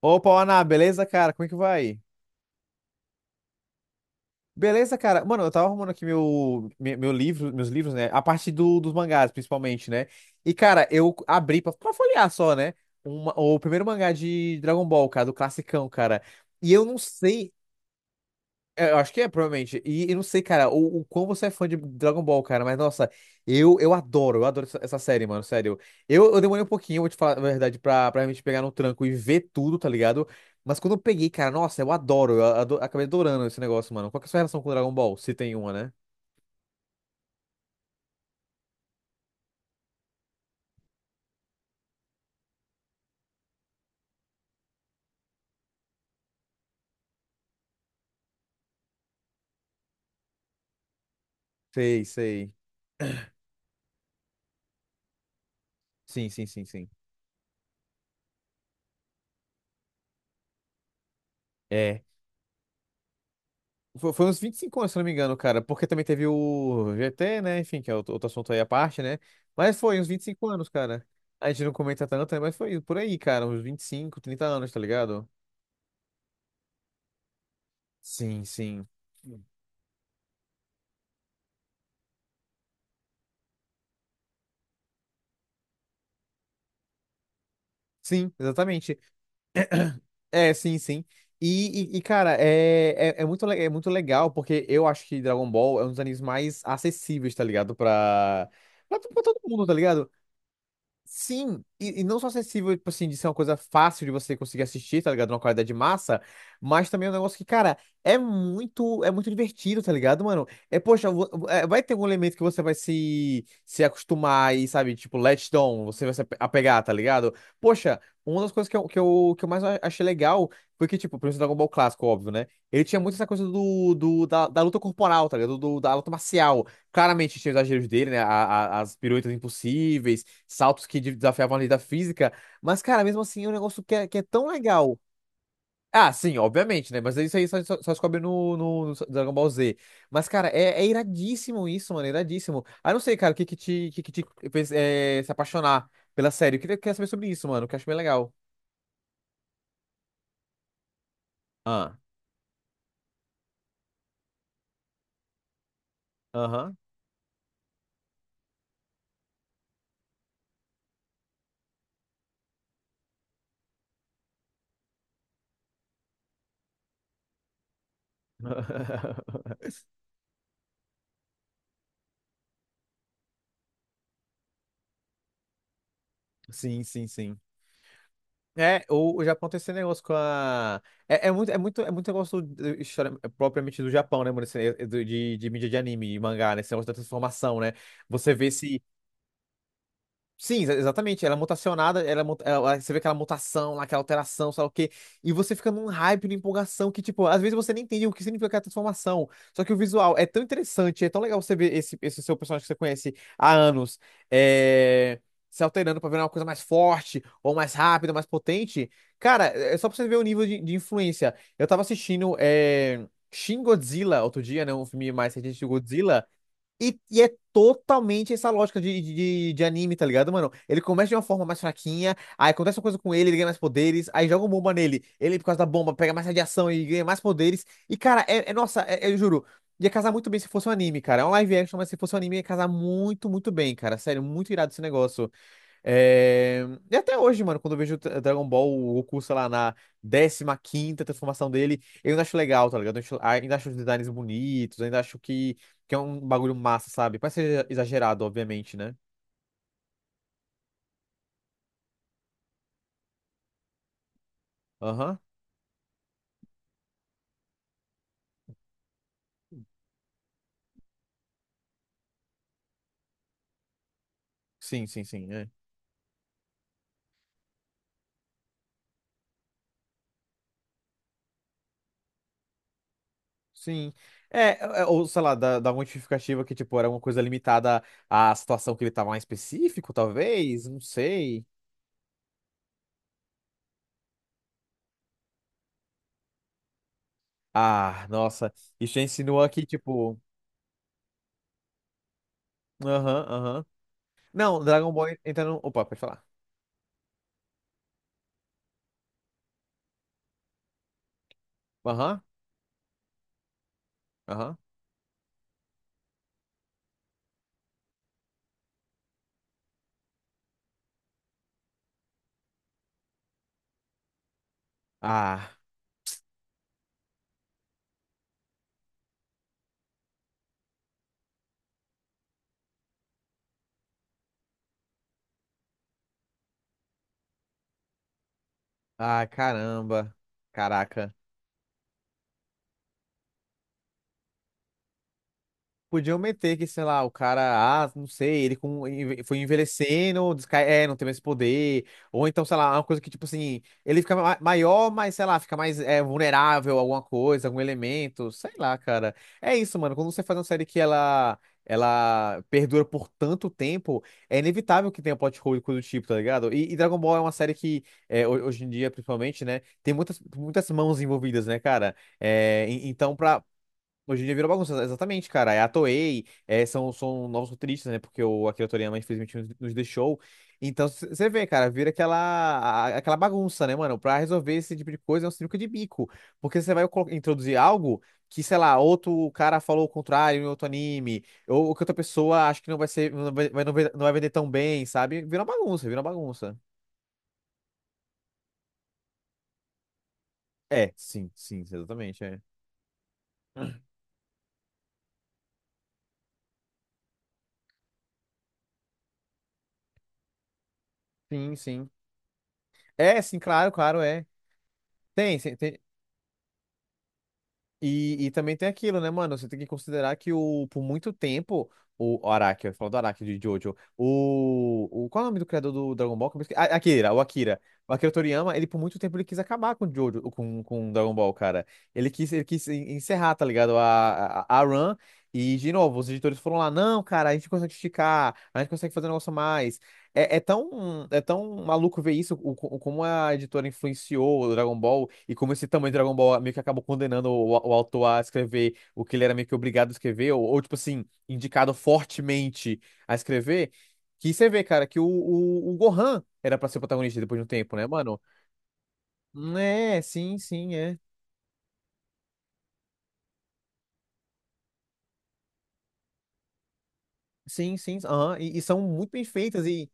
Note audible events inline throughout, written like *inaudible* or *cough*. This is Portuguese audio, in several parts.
Opa, Ana, beleza, cara? Como é que vai? Beleza, cara? Mano, eu tava arrumando aqui meu meus livros, né? A parte dos mangás, principalmente, né? E, cara, eu abri pra folhear só, né? O primeiro mangá de Dragon Ball, cara, do classicão, cara. E eu não sei. É, eu acho que é, provavelmente. E não sei, cara, o quão você é fã de Dragon Ball, cara, mas nossa, eu adoro, eu adoro essa série, mano, sério. Eu demorei um pouquinho, vou te falar a verdade, pra realmente pegar no tranco e ver tudo, tá ligado? Mas quando eu peguei, cara, nossa, eu adoro, eu ado- acabei adorando esse negócio, mano. Qual que é a sua relação com Dragon Ball? Se tem uma, né? Sei, sei. Sim, sim, sim, sim. É. Foi uns 25 anos, se não me engano, cara. Porque também teve o GT, né? Enfim, que é outro, assunto aí à parte, né? Mas foi uns 25 anos, cara. A gente não comenta tanto, né? Mas foi por aí, cara. Uns 25, 30 anos, tá ligado? Sim, sim. Sim, exatamente. É, sim, sim. E, cara, é muito legal, porque eu acho que Dragon Ball é um dos animes mais acessíveis, tá ligado? Pra todo mundo, tá ligado? Sim, e não só acessível, tipo assim, de ser uma coisa fácil de você conseguir assistir, tá ligado? Uma qualidade massa, mas também é um negócio que, cara, é muito divertido, tá ligado, mano? É, poxa, vai ter algum elemento que você vai se acostumar e, sabe, tipo, latch on, você vai se apegar, tá ligado? Poxa, uma das coisas que eu mais achei legal foi que, tipo, por exemplo, Dragon Ball Clássico, óbvio, né? Ele tinha muito essa coisa da luta corporal, tá ligado? Da luta marcial. Claramente tinha os exageros dele, né? As piruetas impossíveis, saltos que desafiavam a lei da física. Mas, cara, mesmo assim, é um negócio que é tão legal. Ah, sim, obviamente, né? Mas isso aí só descobre no Dragon Ball Z. Mas, cara, é iradíssimo isso, mano. É iradíssimo. Ah, não sei, cara, o que que te fez se apaixonar pela série? Eu queria saber sobre isso, mano, que eu acho bem legal. Ah, aham. *laughs* Sim, sim, sim. É, o Japão tem esse negócio com a. É muito negócio história, é, propriamente do Japão, né, mano? De mídia de anime, de mangá, né? Esse negócio da transformação, né? Você vê se. Sim, exatamente. Ela é mutacionada, ela, é mu- ela- você vê aquela mutação, lá, aquela alteração, sei lá o quê. E você fica num hype, numa empolgação que, tipo, às vezes você nem entende o que significa aquela transformação. Só que o visual é tão interessante, é tão legal você ver esse seu personagem que você conhece há anos, é, se alterando pra virar uma coisa mais forte, ou mais rápida, mais potente. Cara, é só pra você ver o nível de influência. Eu tava assistindo Shin Godzilla outro dia, né? Um filme mais recente de Godzilla. E é totalmente essa lógica de anime, tá ligado, mano? Ele começa de uma forma mais fraquinha, aí acontece uma coisa com ele, ele ganha mais poderes, aí joga uma bomba nele, ele, por causa da bomba, pega mais radiação e ganha mais poderes. E, cara, nossa, eu juro, ia casar muito bem se fosse um anime, cara. É um live action, mas se fosse um anime, ia casar muito, muito bem, cara. Sério, muito irado esse negócio. É. E até hoje, mano, quando eu vejo o Dragon Ball, o Goku, sei lá, na 15ª transformação dele, eu ainda acho legal, tá ligado? Ainda acho os designs bonitos, ainda acho que é um bagulho massa, sabe? Parece ser exagerado, obviamente, né? Aham. Sim, sim, sim. É. Sim. É, é, ou sei lá, dá uma justificativa que, tipo, era uma coisa limitada à situação que ele tava lá em específico, talvez, não sei. Ah, nossa. Isso já insinua que, tipo. Aham, aham. Não, Dragon Ball entra no. Opa, pode falar. Aham. Aham. Ah, ah, caramba. Caraca. Podiam meter que, sei lá, o cara, ah, não sei, ele foi envelhecendo, descai, não tem mais poder. Ou então, sei lá, uma coisa que, tipo assim, ele fica maior, mas, sei lá, fica mais vulnerável a alguma coisa, algum elemento, sei lá, cara. É isso, mano. Quando você faz uma série que ela perdura por tanto tempo, é inevitável que tenha plot hole e coisa do tipo, tá ligado? E Dragon Ball é uma série que, hoje em dia, principalmente, né, tem muitas, muitas mãos envolvidas, né, cara? É, então, pra. Hoje em dia virou bagunça, exatamente, cara. É a Toei, são novos roteiristas, né? Porque o Akira Toriyama, infelizmente, nos deixou. Então, você vê, cara, vira aquela, aquela bagunça, né, mano? Pra resolver esse tipo de coisa é um sinuca de bico. Porque você vai introduzir algo que, sei lá, outro cara falou o contrário em outro anime, ou, que outra pessoa acha que não vai ser, não vai, vai- não vai, não vai vender tão bem, sabe? Vira uma bagunça, vira uma bagunça. É, sim, sim, exatamente, é. Sim, sim. É, sim, claro, claro, é. Tem, tem. E também tem aquilo, né, mano? Você tem que considerar que o, por muito tempo, o Araki, eu ia falar do Araki de Jojo, o. Qual é o nome do criador do Dragon Ball? Que eu Akira, o Akira. O Akira Toriyama, ele por muito tempo ele quis acabar com Jojo, com Dragon Ball, cara. Ele quis encerrar, tá ligado? A run. E, de novo, os editores foram lá, não, cara, a gente consegue esticar, a gente consegue fazer um negócio a mais. É tão maluco ver isso, como a editora influenciou o Dragon Ball e como esse tamanho de Dragon Ball meio que acabou condenando o autor a escrever o que ele era meio que obrigado a escrever, ou, tipo assim, indicado fortemente a escrever. Que você vê, cara, que o Gohan era pra ser o protagonista depois de um tempo, né, mano? É, sim, sim, é. Sim, sim. Aham, e são muito bem feitas e.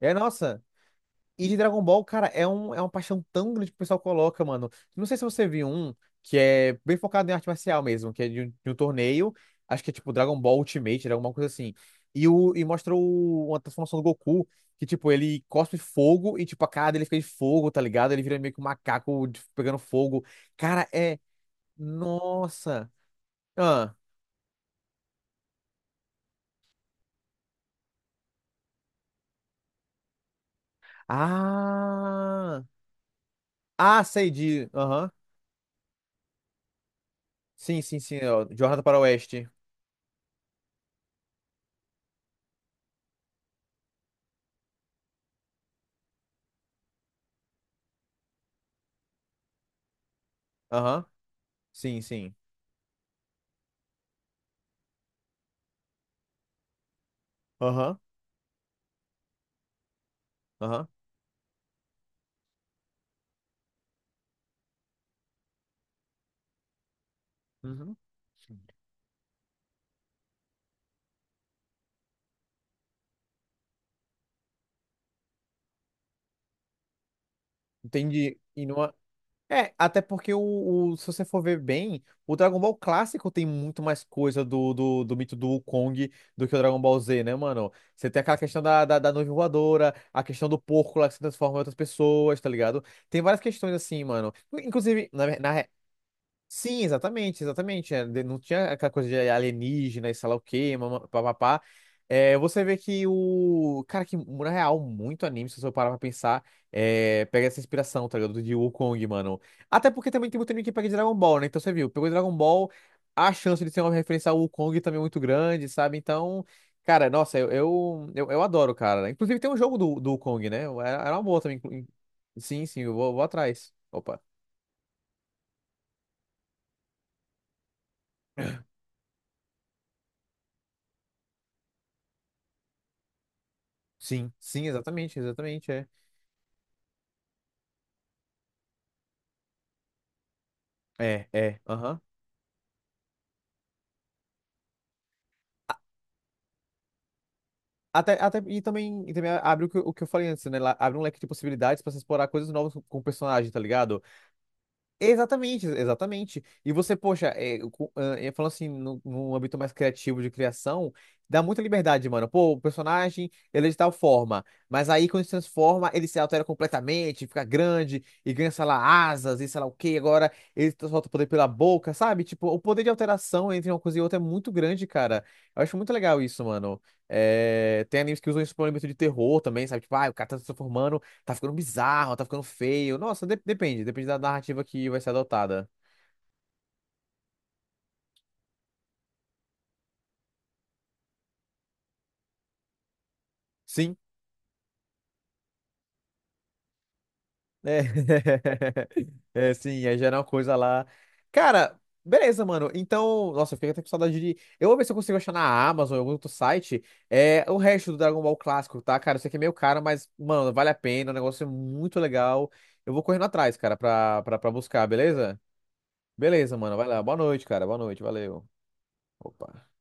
É, nossa. E de Dragon Ball, cara, é uma paixão tão grande que o pessoal coloca, mano. Não sei se você viu um que é bem focado em arte marcial mesmo, que é de um torneio. Acho que é tipo Dragon Ball Ultimate, alguma coisa assim. E mostra uma transformação do Goku, que tipo, ele cospe fogo e tipo, a cara dele fica de fogo, tá ligado? Ele vira meio que um macaco pegando fogo. Cara, é. Nossa! Ah! Ah! Ah, sei de. Aham. Sim, sim, sim. Ó, Jornada para o Oeste. Aham. Sim, sim. Aham. Aham. Uhum. Entendi. E não. É, até porque o, se você for ver bem, o Dragon Ball clássico tem muito mais coisa do mito do Wukong do que o Dragon Ball Z, né, mano? Você tem aquela questão da nuvem voadora, a questão do porco lá que se transforma em outras pessoas, tá ligado? Tem várias questões assim, mano. Inclusive, na. Sim, exatamente, exatamente. É, não tinha aquela coisa de alienígena e sei lá o quê, mama- papapá. É, você vê que o. Cara, que na real, muito anime, se você parar pra pensar, pega essa inspiração, tá ligado? De Wukong, mano. Até porque também tem muito anime que pega de Dragon Ball, né? Então você viu, pegou Dragon Ball, a chance de ser uma referência ao Wukong também é muito grande, sabe? Então, cara, nossa, eu adoro, cara. Inclusive tem um jogo do Wukong, né? Era uma boa também. Sim, sim, eu vou atrás. Opa. Sim, sim, exatamente, exatamente, é. É, aham. Até, e também abre o que, o que eu falei antes, né? Abre um leque de possibilidades pra você explorar coisas novas com o personagem, tá ligado? Exatamente, exatamente. E você, poxa, falando assim, num âmbito mais criativo de criação, dá muita liberdade, mano. Pô, o personagem, ele é de tal forma, mas aí quando se transforma, ele se altera completamente, fica grande e ganha, sei lá, asas e sei lá o quê. Agora ele solta o poder pela boca, sabe? Tipo, o poder de alteração entre uma coisa e outra é muito grande, cara. Eu acho muito legal isso, mano. É, tem animes que usam isso pra um elemento de terror também, sabe? Tipo, ah, o cara tá se transformando. Tá ficando bizarro, tá ficando feio. Nossa, depende da narrativa que vai ser adotada. Sim, é. *laughs* É, sim, aí já era uma coisa lá. Cara, beleza, mano. Então, nossa, eu fiquei até com saudade de. Eu vou ver se eu consigo achar na Amazon, ou em algum outro site, o resto do Dragon Ball clássico, tá? Cara, eu sei que é meio caro, mas, mano, vale a pena, o negócio é muito legal. Eu vou correndo atrás, cara, pra buscar, beleza? Beleza, mano, vai lá. Boa noite, cara, boa noite, valeu. Opa.